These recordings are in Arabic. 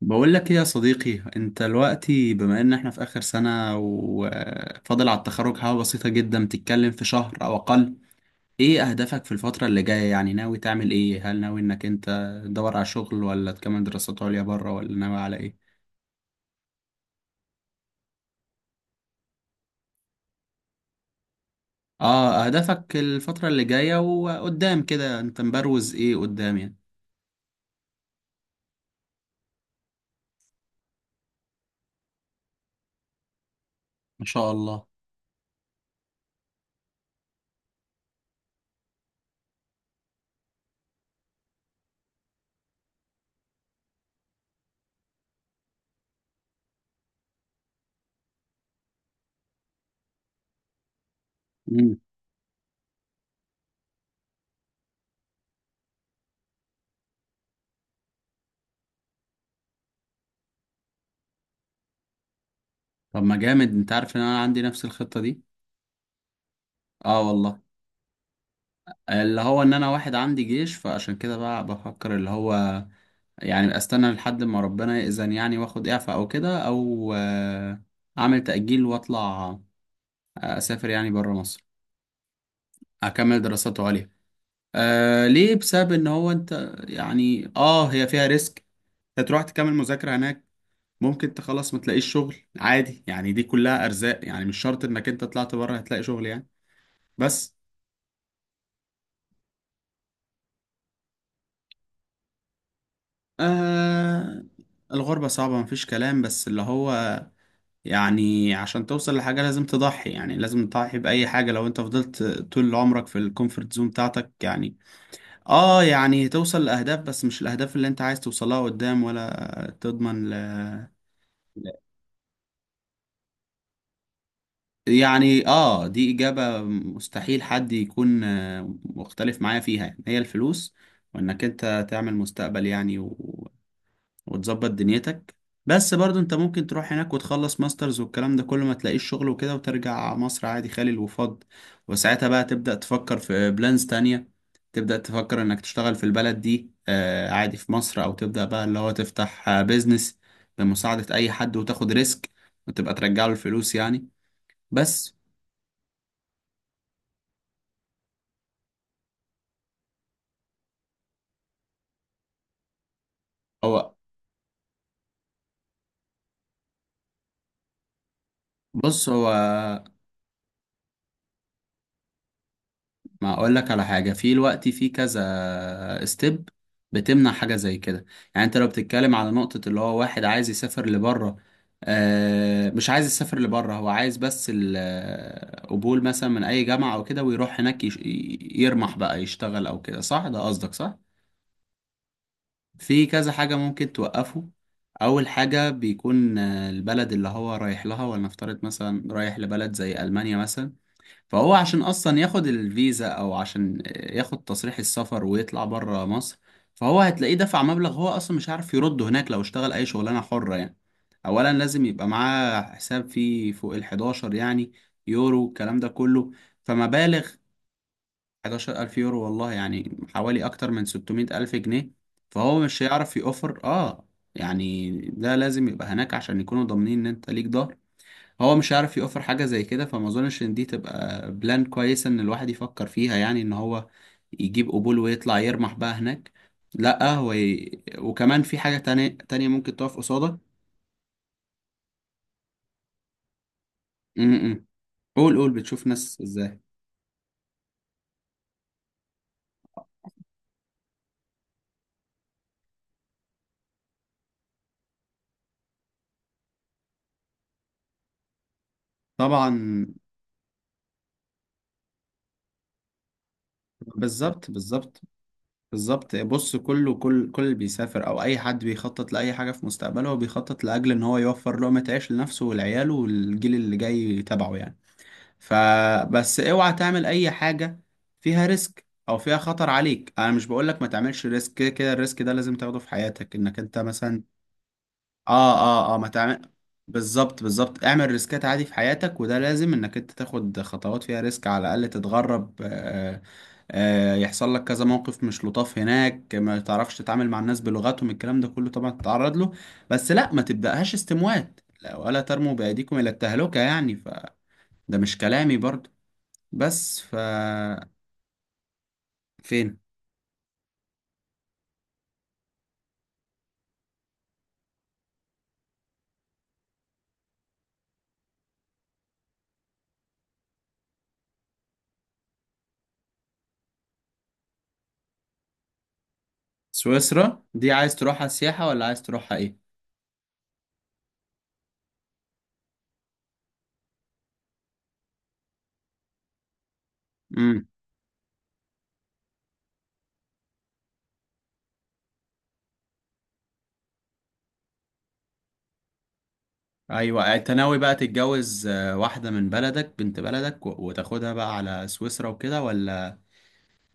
بقول لك ايه يا صديقي؟ انت دلوقتي بما ان احنا في اخر سنة وفاضل على التخرج حاجة بسيطة جدا، بتتكلم في شهر او اقل. ايه اهدافك في الفترة اللي جاية؟ يعني ناوي تعمل ايه؟ هل ناوي انك انت تدور على شغل، ولا تكمل دراسات عليا بره، ولا ناوي على ايه؟ اه، اهدافك الفترة اللي جاية وقدام كده، انت مبروز ايه قدام يعني؟ ما شاء الله. مم. طب ما جامد، انت عارف ان انا عندي نفس الخطة دي. اه والله. اللي هو ان انا واحد عندي جيش، فعشان كده بقى بفكر اللي هو، يعني استنى لحد ما ربنا يأذن يعني، واخد اعفاء او كده، او اعمل تأجيل واطلع، اسافر يعني بره مصر. اكمل دراساته عليا. ليه؟ بسبب ان هو، انت يعني، هي فيها ريسك. هتروح تكمل مذاكرة هناك، ممكن تخلص ما تلاقيش شغل عادي. يعني دي كلها ارزاق، يعني مش شرط انك انت طلعت بره هتلاقي شغل يعني. بس آه الغربة صعبة مفيش كلام، بس اللي هو يعني، عشان توصل لحاجة لازم تضحي، يعني لازم تضحي بأي حاجة. لو انت فضلت طول عمرك في الكومفورت زون بتاعتك يعني، اه يعني توصل لأهداف، بس مش الأهداف اللي انت عايز توصلها قدام، ولا تضمن يعني. اه دي إجابة مستحيل حد يكون مختلف معايا فيها، يعني هي الفلوس، وانك انت تعمل مستقبل يعني. وتظبط دنيتك. بس برضو انت ممكن تروح هناك وتخلص ماسترز والكلام ده كله، ما تلاقيش شغل وكده، وترجع مصر عادي خالي الوفاض. وساعتها بقى تبدأ تفكر في بلانز تانية، تبدأ تفكر انك تشتغل في البلد دي، عادي في مصر، او تبدأ بقى اللي هو تفتح بيزنس بمساعدة اي حد، وتاخد ريسك، وتبقى ترجع له الفلوس يعني. بس هو، بص، هو ما اقول لك على حاجه، في الوقت في كذا ستيب بتمنع حاجه زي كده. يعني انت لو بتتكلم على نقطه اللي هو واحد عايز يسافر لبره، مش عايز يسافر لبره، هو عايز بس القبول مثلا من اي جامعه او كده، ويروح هناك يرمح بقى يشتغل او كده، صح؟ ده قصدك، صح؟ في كذا حاجه ممكن توقفه. اول حاجه بيكون البلد اللي هو رايح لها. ولنفترض مثلا رايح لبلد زي المانيا مثلا، فهو عشان اصلا ياخد الفيزا، او عشان ياخد تصريح السفر ويطلع بره مصر، فهو هتلاقيه دفع مبلغ هو اصلا مش عارف يرده هناك لو اشتغل اي شغلانه حره يعني. اولا لازم يبقى معاه حساب فيه فوق ال 11 يعني يورو، الكلام ده كله. فمبالغ، 11,000 الف يورو والله، يعني حوالي اكتر من 600 الف جنيه. فهو مش هيعرف يوفر يعني. ده لازم يبقى هناك عشان يكونوا ضامنين ان انت ليك ضهر. هو مش عارف يوفر حاجة زي كده، فما اظنش ان دي تبقى بلان كويسة ان الواحد يفكر فيها، يعني ان هو يجيب قبول ويطلع يرمح بقى هناك. لا، هو وكمان في حاجة تانية ممكن تقف قصادك. م. قول قول، بتشوف ناس ازاي؟ طبعا. بالظبط، بالظبط. بالظبط، بص، كله كل اللي بيسافر او اي حد بيخطط لاي حاجه في مستقبله، هو بيخطط لاجل ان هو يوفر لقمه عيش لنفسه ولعياله والجيل اللي جاي تبعه يعني. فبس اوعى تعمل اي حاجة فيها ريسك او فيها خطر عليك. انا مش بقولك ما تعملش ريسك، كده كده الريسك ده لازم تاخده في حياتك، انك انت مثلا. اه اه اه. ما تعمل، بالظبط، بالظبط. اعمل ريسكات عادي في حياتك، وده لازم انك انت تاخد خطوات فيها ريسك. على الاقل تتغرب، يحصل لك كذا موقف مش لطاف هناك، ما تعرفش تتعامل مع الناس بلغتهم، الكلام ده كله طبعا تتعرض له. بس لا، ما تبدأهاش استموات، لا ولا ترموا بأيديكم إلى التهلكة، يعني فده مش كلامي برضو. بس فين؟ سويسرا دي عايز تروحها سياحة، ولا عايز تروحها ايه؟ امم. ايوه، انت ناوي بقى تتجوز واحدة من بلدك، بنت بلدك، وتاخدها بقى على سويسرا وكده، ولا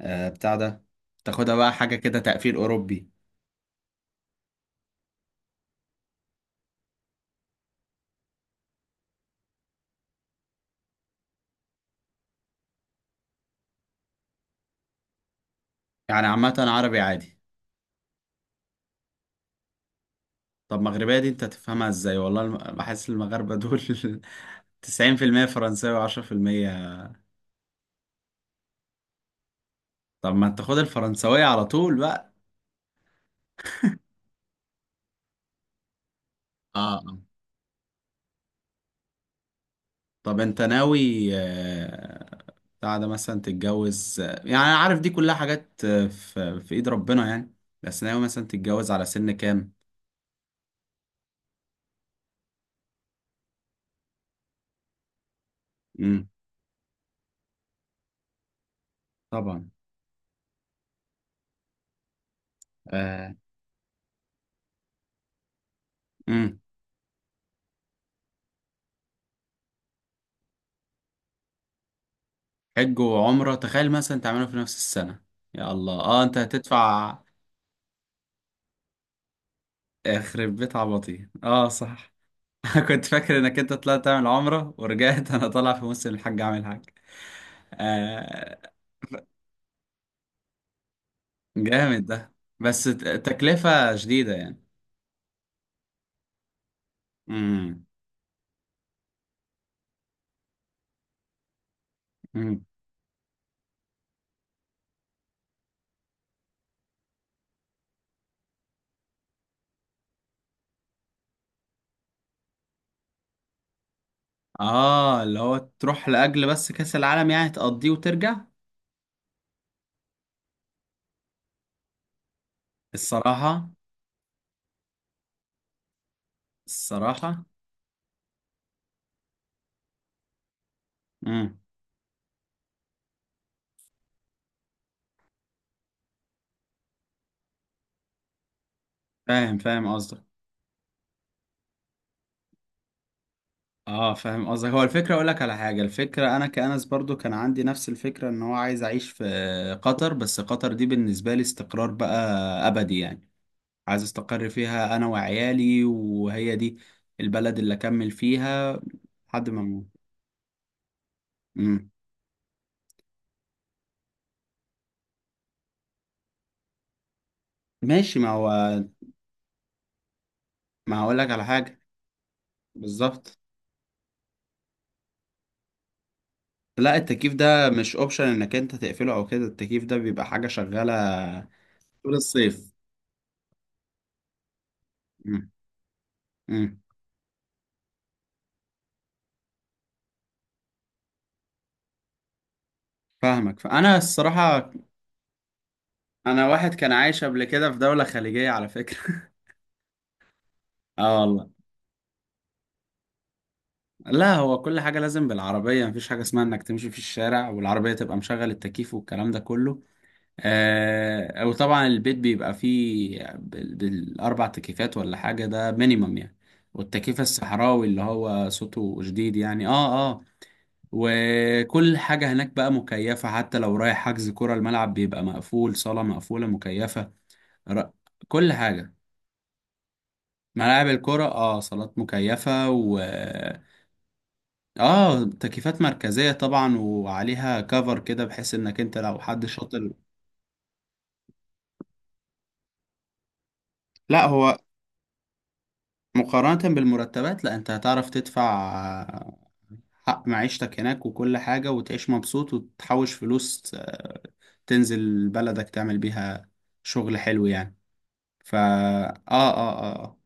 بتاع ده، تاخدها بقى حاجة كده تقفيل اوروبي؟ يعني عامة عربي عادي. طب مغربية دي انت تفهمها ازاي؟ والله بحس المغاربة دول 90% فرنساوي و10%. طب ما تاخد الفرنساوية على طول بقى. اه، طب انت ناوي بتاع ده مثلا تتجوز، يعني انا عارف دي كلها حاجات في ايد ربنا يعني. بس ناوي مثلا تتجوز على سن كام؟ امم. طبعا. آه. امم. حج وعمرة تخيل مثلا تعملوا في نفس السنة. يا الله، انت هتدفع يخرب بيت عبطي. اه صح. أنا كنت فاكر انك انت طلعت تعمل عمرة ورجعت. انا طالع في موسم الحج اعمل حج. آه. جامد ده. بس تكلفة شديدة يعني. امم. اه، اللي هو تروح لاجل بس كاس العالم، يعني تقضيه وترجع؟ الصراحه. الصراحه. امم. فاهم، فاهم قصدك. اه، فاهم قصدك. هو الفكره اقول لك على حاجه. الفكره انا كأنس برضو كان عندي نفس الفكره ان هو عايز اعيش في قطر. بس قطر دي بالنسبه لي استقرار بقى، ابدي يعني. عايز استقر فيها انا وعيالي، وهي دي البلد اللي اكمل فيها لحد ما اموت. امم. ماشي، ما هو، ما هقول لك على حاجه. بالظبط. لا، التكييف ده مش اوبشن انك انت تقفله او كده، التكييف ده بيبقى حاجة شغالة طول الصيف. مم. مم. فاهمك. فانا الصراحة انا واحد كان عايش قبل كده في دولة خليجية على فكرة. اه والله. لا هو، كل حاجة لازم بالعربية، مفيش حاجة اسمها انك تمشي في الشارع والعربية تبقى مشغل التكييف والكلام ده كله. وطبعا البيت بيبقى فيه بالاربع تكييفات، ولا حاجة، ده مينيمم يعني. والتكييف الصحراوي اللي هو صوته شديد يعني وكل حاجة هناك بقى مكيفة، حتى لو رايح حجز كرة، الملعب بيبقى مقفول، صالة مقفولة مكيفة. ر... كل حاجة. ملاعب الكرة، اه، صالات مكيفة، و اه تكييفات مركزية طبعا، وعليها كفر كده، بحيث انك انت لو حد شاطر. لا هو، مقارنة بالمرتبات، لا، انت هتعرف تدفع حق معيشتك هناك وكل حاجة، وتعيش مبسوط وتحوش فلوس، تنزل بلدك تعمل بيها شغل حلو يعني. فا آه, اه اه آه.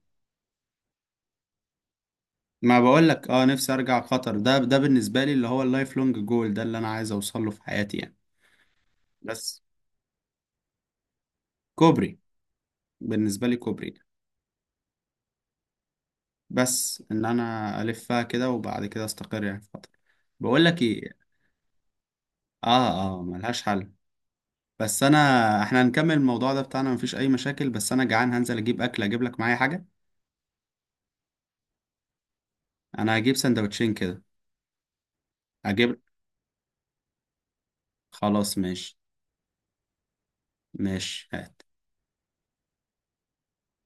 ما بقول لك، اه، نفسي ارجع قطر. ده بالنسبه لي اللي هو اللايف لونج جول، ده اللي انا عايز اوصل له في حياتي يعني. بس كوبري، بالنسبه لي كوبري. بس ان انا الفها كده، وبعد كده استقر يعني في قطر. بقول لك ايه؟ اه اه، ملهاش حل. بس انا، احنا هنكمل الموضوع ده بتاعنا مفيش اي مشاكل، بس انا جعان. هنزل اجيب اكل، اجيب لك معايا حاجه؟ انا هجيب سندوتشين كده. اجيب. خلاص ماشي. ماشي هات.